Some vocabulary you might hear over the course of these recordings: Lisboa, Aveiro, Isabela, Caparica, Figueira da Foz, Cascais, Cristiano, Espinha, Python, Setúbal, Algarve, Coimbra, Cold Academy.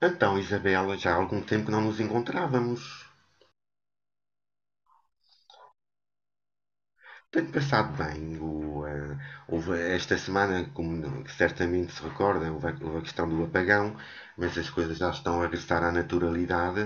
Então, Isabela, já há algum tempo que não nos encontrávamos. Tenho passado bem. Houve esta semana, como certamente se recorda, houve a questão do apagão, mas as coisas já estão a regressar à naturalidade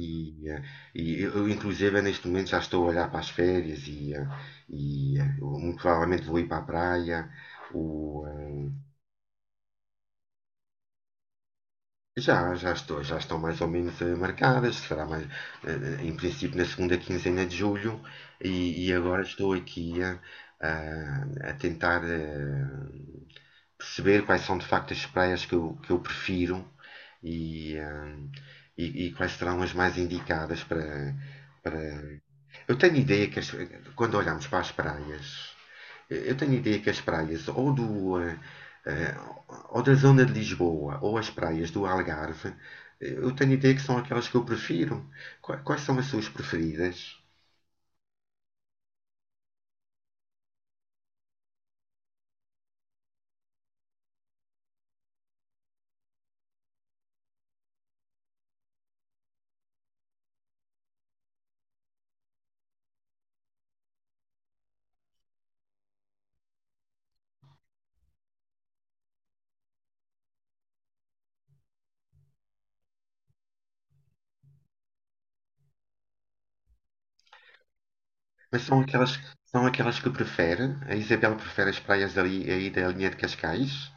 e, eh, e eu inclusive, neste momento já estou a olhar para as férias e eu muito provavelmente vou ir para a praia. O, ah, já estou, já estão mais ou menos marcadas, será mais, em princípio na segunda quinzena de julho e agora estou aqui a tentar perceber quais são de facto as praias que que eu prefiro e, eh, e e quais serão as mais indicadas para, para... Eu tenho ideia quando olhamos para as praias eu tenho a ideia que as praias ou eh, ou da zona de Lisboa ou as praias do Algarve, eu tenho a ideia que são aquelas que eu prefiro. Quais são as suas preferidas? Mas são aquelas, são aquelas que prefere? A Isabel prefere as praias ali aí da linha de Cascais?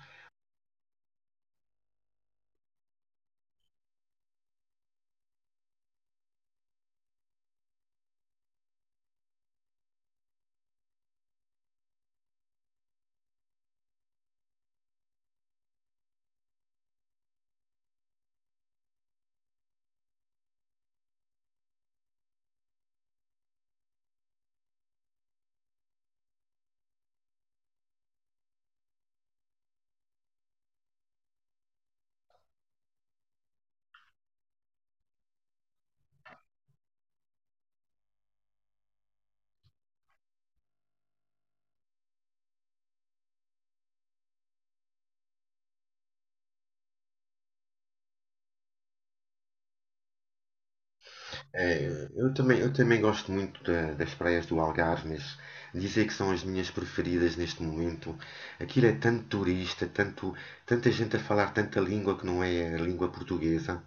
É, eu também gosto muito das praias do Algarve, mas dizer que são as minhas preferidas neste momento. Aquilo é tanto turista, tanto, tanta gente a falar tanta língua que não é a língua portuguesa,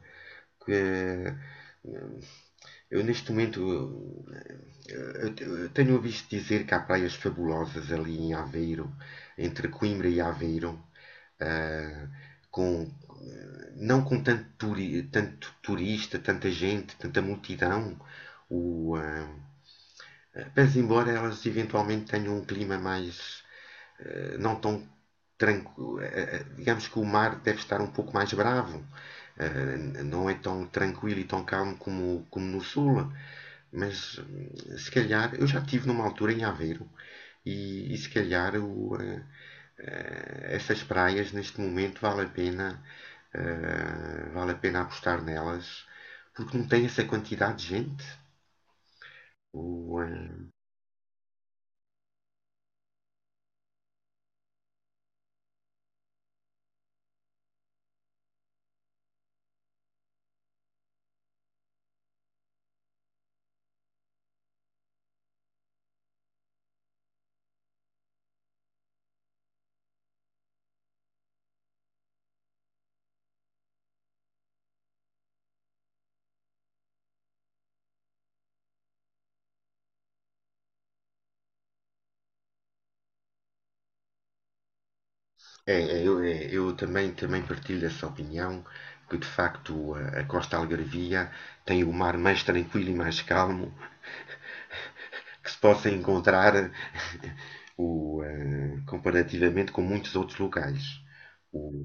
que eh, eu neste momento eu tenho ouvido dizer que há praias fabulosas ali em Aveiro, entre Coimbra e Aveiro ah, com, não com tanto, tanto turista, tanta gente, tanta multidão. O, ah, mas embora elas eventualmente tenham um clima mais não tão tranquilo. Digamos que o mar deve estar um pouco mais bravo, não é tão tranquilo e tão calmo como no sul. Mas se calhar, eu já estive numa altura em Aveiro e se calhar essas praias neste momento vale a pena, vale a pena apostar nelas porque não tem essa quantidade de gente. O, eh, é, eu também, também partilho essa opinião, que de facto a Costa Algarvia tem o mar mais tranquilo e mais calmo que se possa encontrar comparativamente com muitos outros locais. O-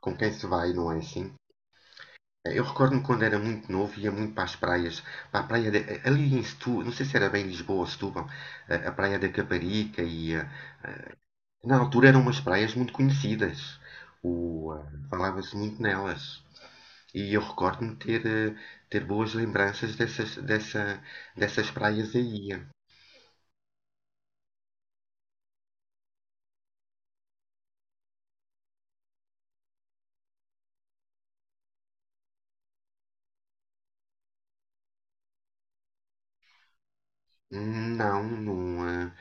com quem se vai, não é assim? Eu recordo-me quando era muito novo, ia muito para as praias, para a praia ali em Setúbal, não sei se era bem Lisboa ou Setúbal, a praia da Caparica e na altura eram umas praias muito conhecidas. Falava-se muito nelas. E eu recordo-me de ter boas lembranças dessas praias aí. Hum. Não, não.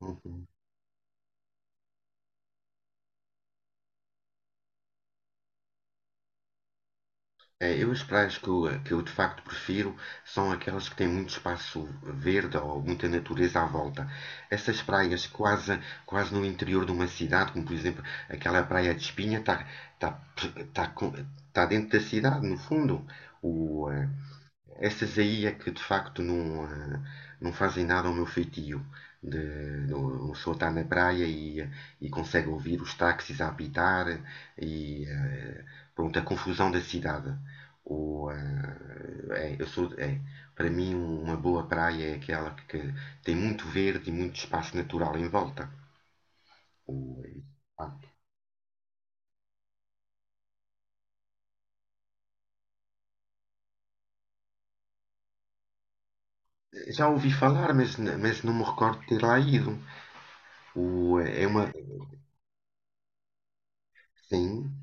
Uhum. Eu as praias que que eu de facto prefiro são aquelas que têm muito espaço verde ou muita natureza à volta. Essas praias quase, quase no interior de uma cidade, como por exemplo aquela praia de Espinha, está tá, tá, com- tá dentro da cidade, no fundo. O, eh, Essas aí é que de facto não fazem nada ao meu feitio. De, o está na praia e consegue ouvir os táxis a apitar e pronto, a confusão da cidade. Ou, eh, é, eu sou, é, para mim, uma boa praia é aquela que tem muito verde e muito espaço natural em volta. O- eh, Já ouvi falar, mas não me recordo de ter lá ido. O, eh, é uma, Sim.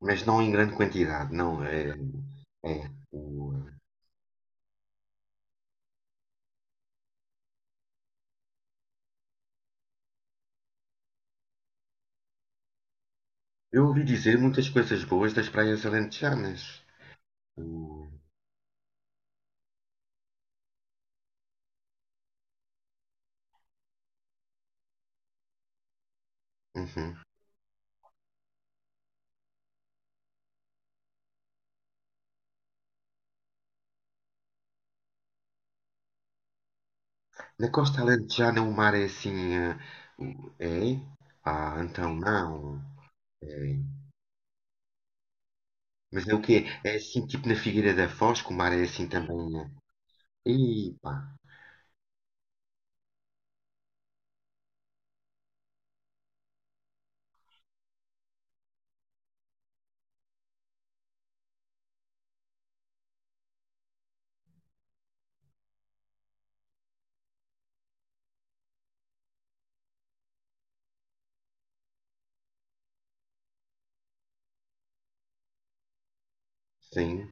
Mas não em grande quantidade, não. É, o- eu ouvi dizer muitas coisas boas das praias alentejanas. O- uhum. Na costa alentejana o mar é assim. É? Ah, então não. É. Mas é o quê? É assim, tipo na Figueira da Foz, que o mar é assim também. Eh? Ih, pá, sim.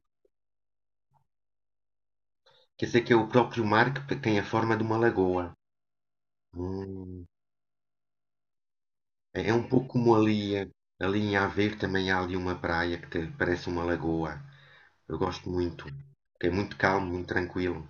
Quer dizer que é o próprio mar que tem a forma de uma lagoa. Hum. É é um pouco como ali, ali em Aveiro também há ali uma praia que parece uma lagoa. Eu gosto muito. É muito calmo, muito tranquilo.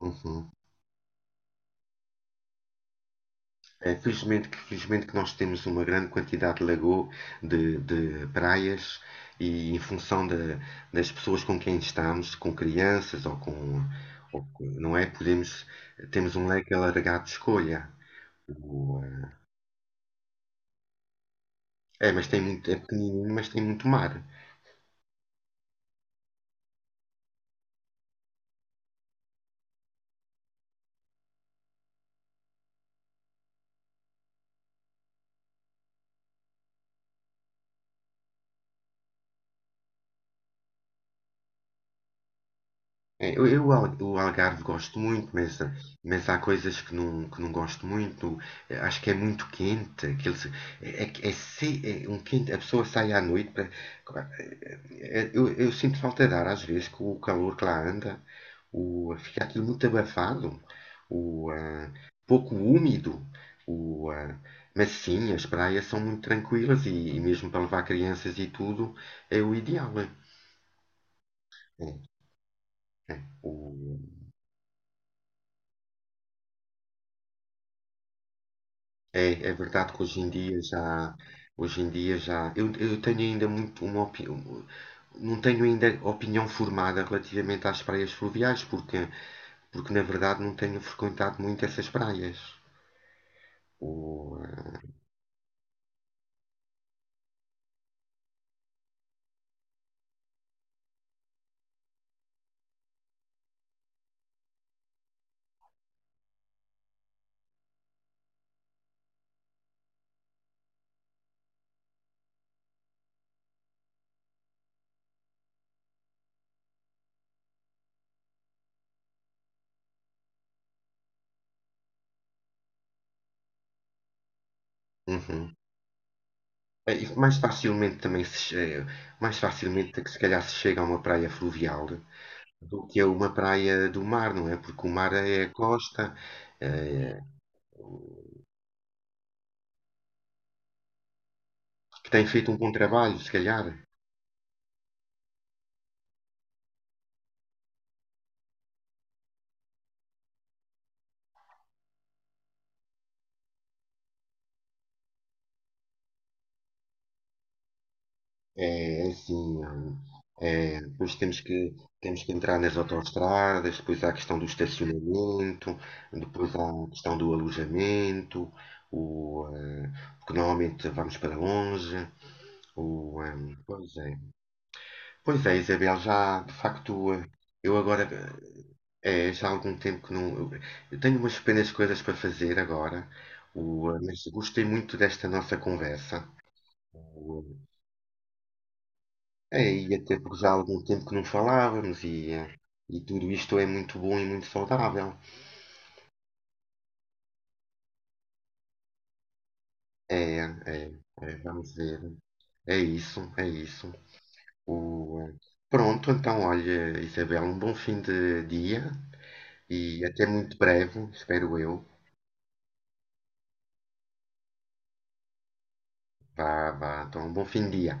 Uhum. É, felizmente que nós temos uma grande quantidade de praias, e em função das pessoas com quem estamos, com crianças ou com- não é? Podemos, temos um leque alargado de escolha. O, eh, É, mas tem muito, é pequenino, mas tem muito mar. O Algarve gosto muito, mas há coisas que não gosto muito. Acho que é muito quente. Aquele, se- É, é, é é um quente. A pessoa sai à noite para. Eu sinto falta de ar às vezes com o calor que lá anda. Fica aquilo muito abafado, o, ah, pouco úmido. O, ah, mas sim, as praias são muito tranquilas e mesmo para levar crianças e tudo é o ideal. É, é, o, É é verdade que hoje em dia já, hoje em dia já, eu tenho ainda muito uma opinião, não tenho ainda opinião formada relativamente às praias fluviais, porque, porque na verdade não tenho frequentado muito essas praias. O, eh, uhum. E mais facilmente também se, che- mais facilmente é que se calhar se chega a uma praia fluvial do que a uma praia do mar, não é? Porque o mar é a costa, eh, que tem feito um bom trabalho, se calhar. É, é assim, é, temos que entrar nas autoestradas, depois há a questão do estacionamento, depois há a questão do alojamento, o, eh, porque normalmente vamos para longe. O, eh, Pois é. Pois é, Isabel, já de facto, eu agora, é, já há algum tempo que não. Eu tenho umas pequenas coisas para fazer agora, mas gostei muito desta nossa conversa. É, e até porque já há algum tempo que não falávamos e tudo isto é muito bom e muito saudável. É, é, Vamos ver. É isso, é isso. O, eh, Pronto, então, olha, Isabel, um bom fim de dia e até muito breve, espero eu. Vá, vá, então, um bom fim de dia.